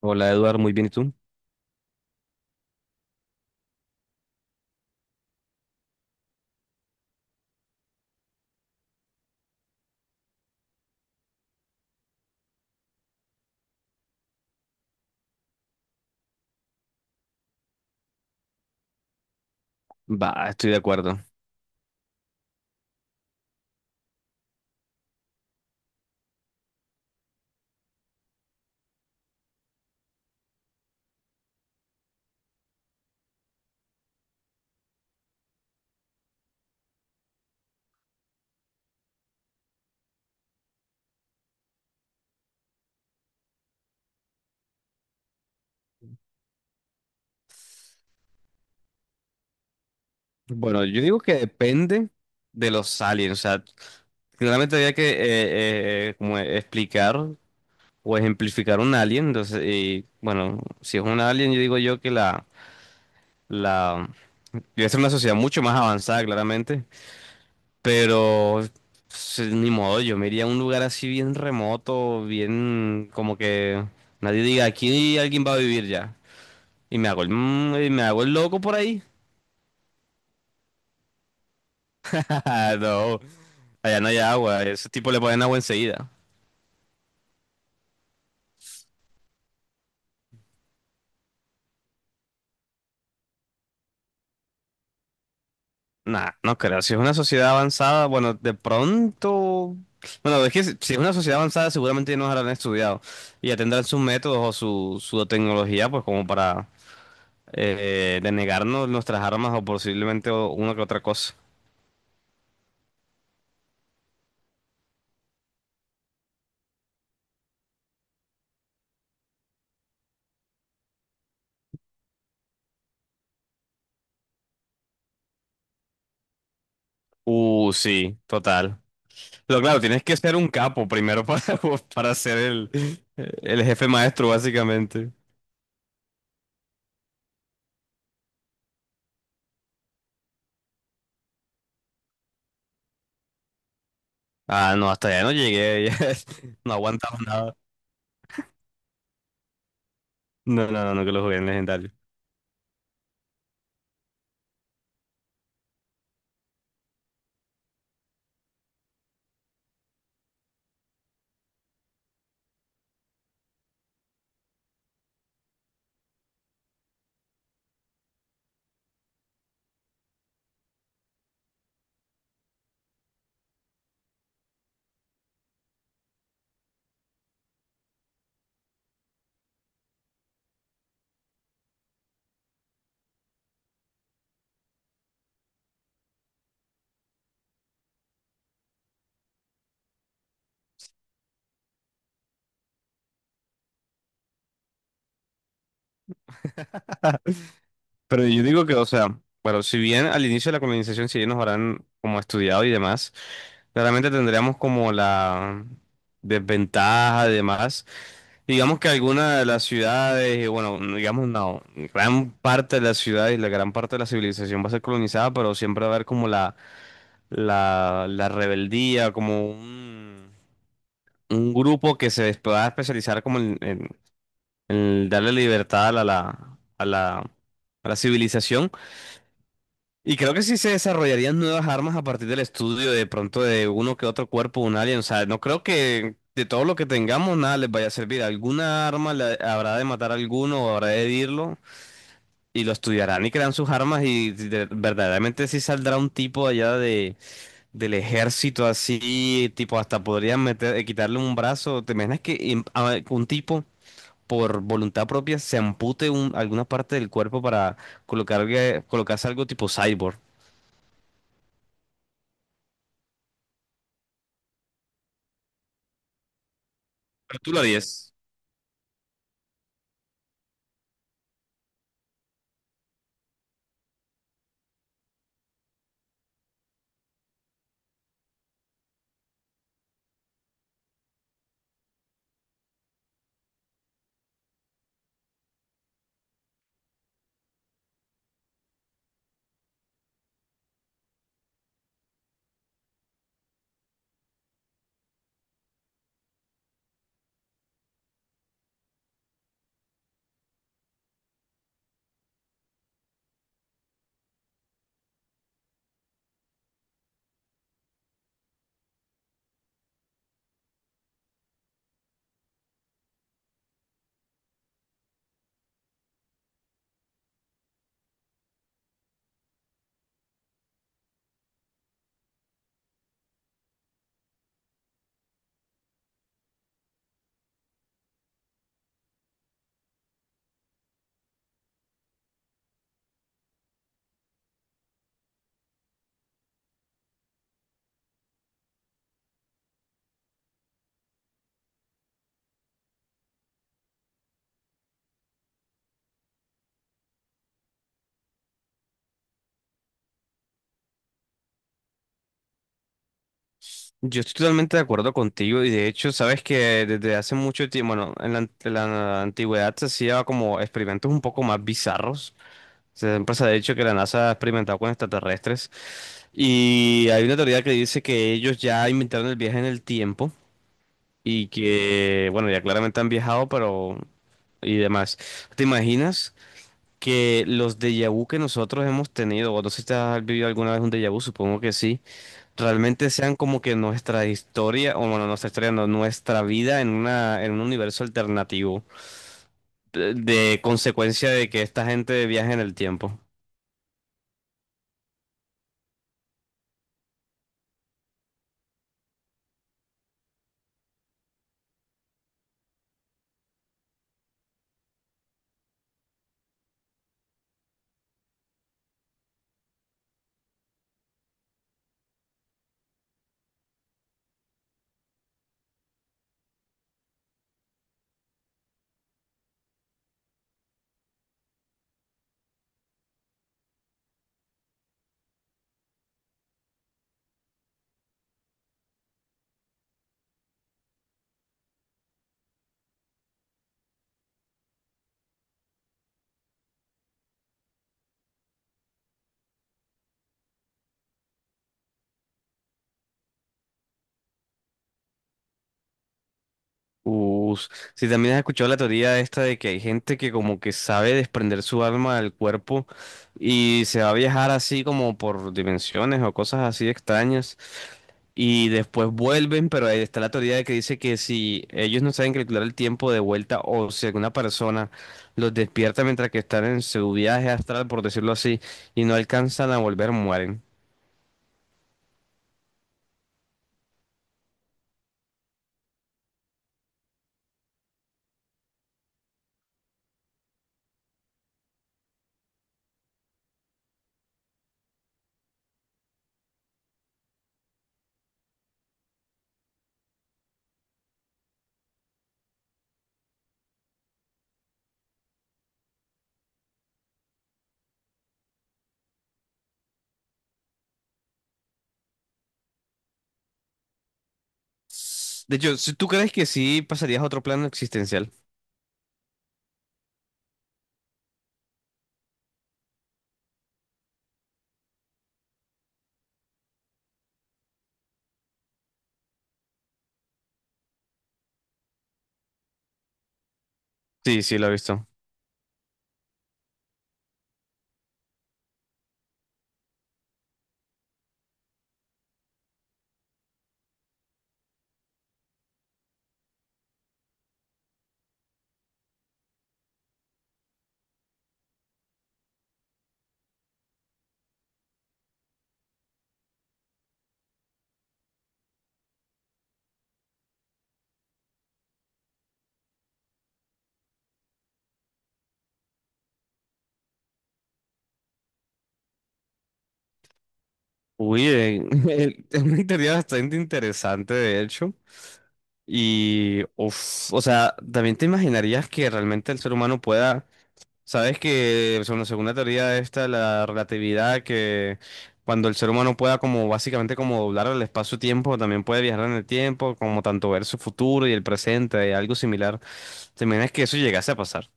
Hola Eduardo, muy bien, ¿y tú? Va, estoy de acuerdo. Bueno, yo digo que depende de los aliens, o sea, claramente había que como explicar o ejemplificar un alien, entonces, y, bueno, si es un alien, yo digo yo que la debe ser una sociedad mucho más avanzada, claramente, pero sí, ni modo, yo me iría a un lugar así bien remoto, bien como que nadie diga, aquí alguien va a vivir ya, y me hago y me hago el loco por ahí. Ah, no. Allá no hay agua, ese tipo le ponen agua enseguida. Nah, no creo. Si es una sociedad avanzada, bueno, de pronto. Bueno, es que si es una sociedad avanzada, seguramente ya nos habrán estudiado y ya tendrán sus métodos o su tecnología, pues como para denegarnos nuestras armas o posiblemente una que otra cosa. Sí, total. Pero claro, tienes que ser un capo primero para, para ser el jefe maestro, básicamente. Ah, no, hasta allá no llegué, ya no aguantaba nada. No, no, no, no que lo jugué en legendario. Pero yo digo que, o sea, bueno, si bien al inicio de la colonización, si bien nos habrán como estudiado y demás, claramente tendríamos como la desventaja y demás. Digamos que alguna de las ciudades, y bueno, digamos no, gran parte de las ciudades y la gran parte de la civilización va a ser colonizada, pero siempre va a haber como la rebeldía, como un grupo que se va a especializar como en el darle libertad a la a la civilización. Y creo que sí se desarrollarían nuevas armas a partir del estudio de pronto de uno que otro cuerpo, de un alien. O sea, no creo que de todo lo que tengamos nada les vaya a servir. Alguna arma habrá de matar a alguno o habrá de herirlo y lo estudiarán y crean sus armas y verdaderamente sí saldrá un tipo allá de, del ejército así, tipo hasta podrían meter, quitarle un brazo. ¿Te imaginas que un tipo por voluntad propia se ampute alguna parte del cuerpo para colocarse algo tipo cyborg? Pero tú lo harías. Yo estoy totalmente de acuerdo contigo y de hecho, sabes que desde hace mucho tiempo, bueno, en en la antigüedad se hacía como experimentos un poco más bizarros. Siempre se ha dicho que la NASA ha experimentado con extraterrestres y hay una teoría que dice que ellos ya inventaron el viaje en el tiempo y que, bueno, ya claramente han viajado, pero y demás. ¿Te imaginas que los déjà vu que nosotros hemos tenido, o no sé si te has vivido alguna vez un déjà vu, supongo que sí, realmente sean como que nuestra historia, o bueno, nuestra historia, no, nuestra vida en en un universo alternativo, de consecuencia de que esta gente viaja en el tiempo? Us- si también has escuchado la teoría esta de que hay gente que como que sabe desprender su alma del cuerpo y se va a viajar así como por dimensiones o cosas así extrañas. Y después vuelven, pero ahí está la teoría de que dice que si ellos no saben calcular el tiempo de vuelta o si alguna persona los despierta mientras que están en su viaje astral, por decirlo así, y no alcanzan a volver, mueren. De hecho, ¿si tú crees que sí pasarías a otro plano existencial? Sí, sí, lo he visto. Uy, es una teoría bastante interesante, de hecho. Y, uf, o sea, también te imaginarías que realmente el ser humano pueda. Sabes que según la segunda teoría esta, la relatividad, que cuando el ser humano pueda como básicamente como doblar el espacio-tiempo, también puede viajar en el tiempo, como tanto ver su futuro y el presente, y algo similar. ¿Te imaginas que eso llegase a pasar?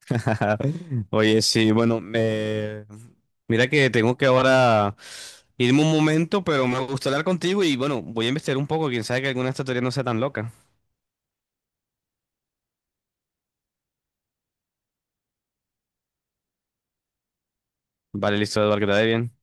Oye, sí, bueno, me... mira que tengo que ahora irme un momento, pero me gusta hablar contigo y bueno, voy a investigar un poco, quién sabe que alguna de estas teorías no sea tan loca. Vale, listo, Eduardo, que te vaya bien.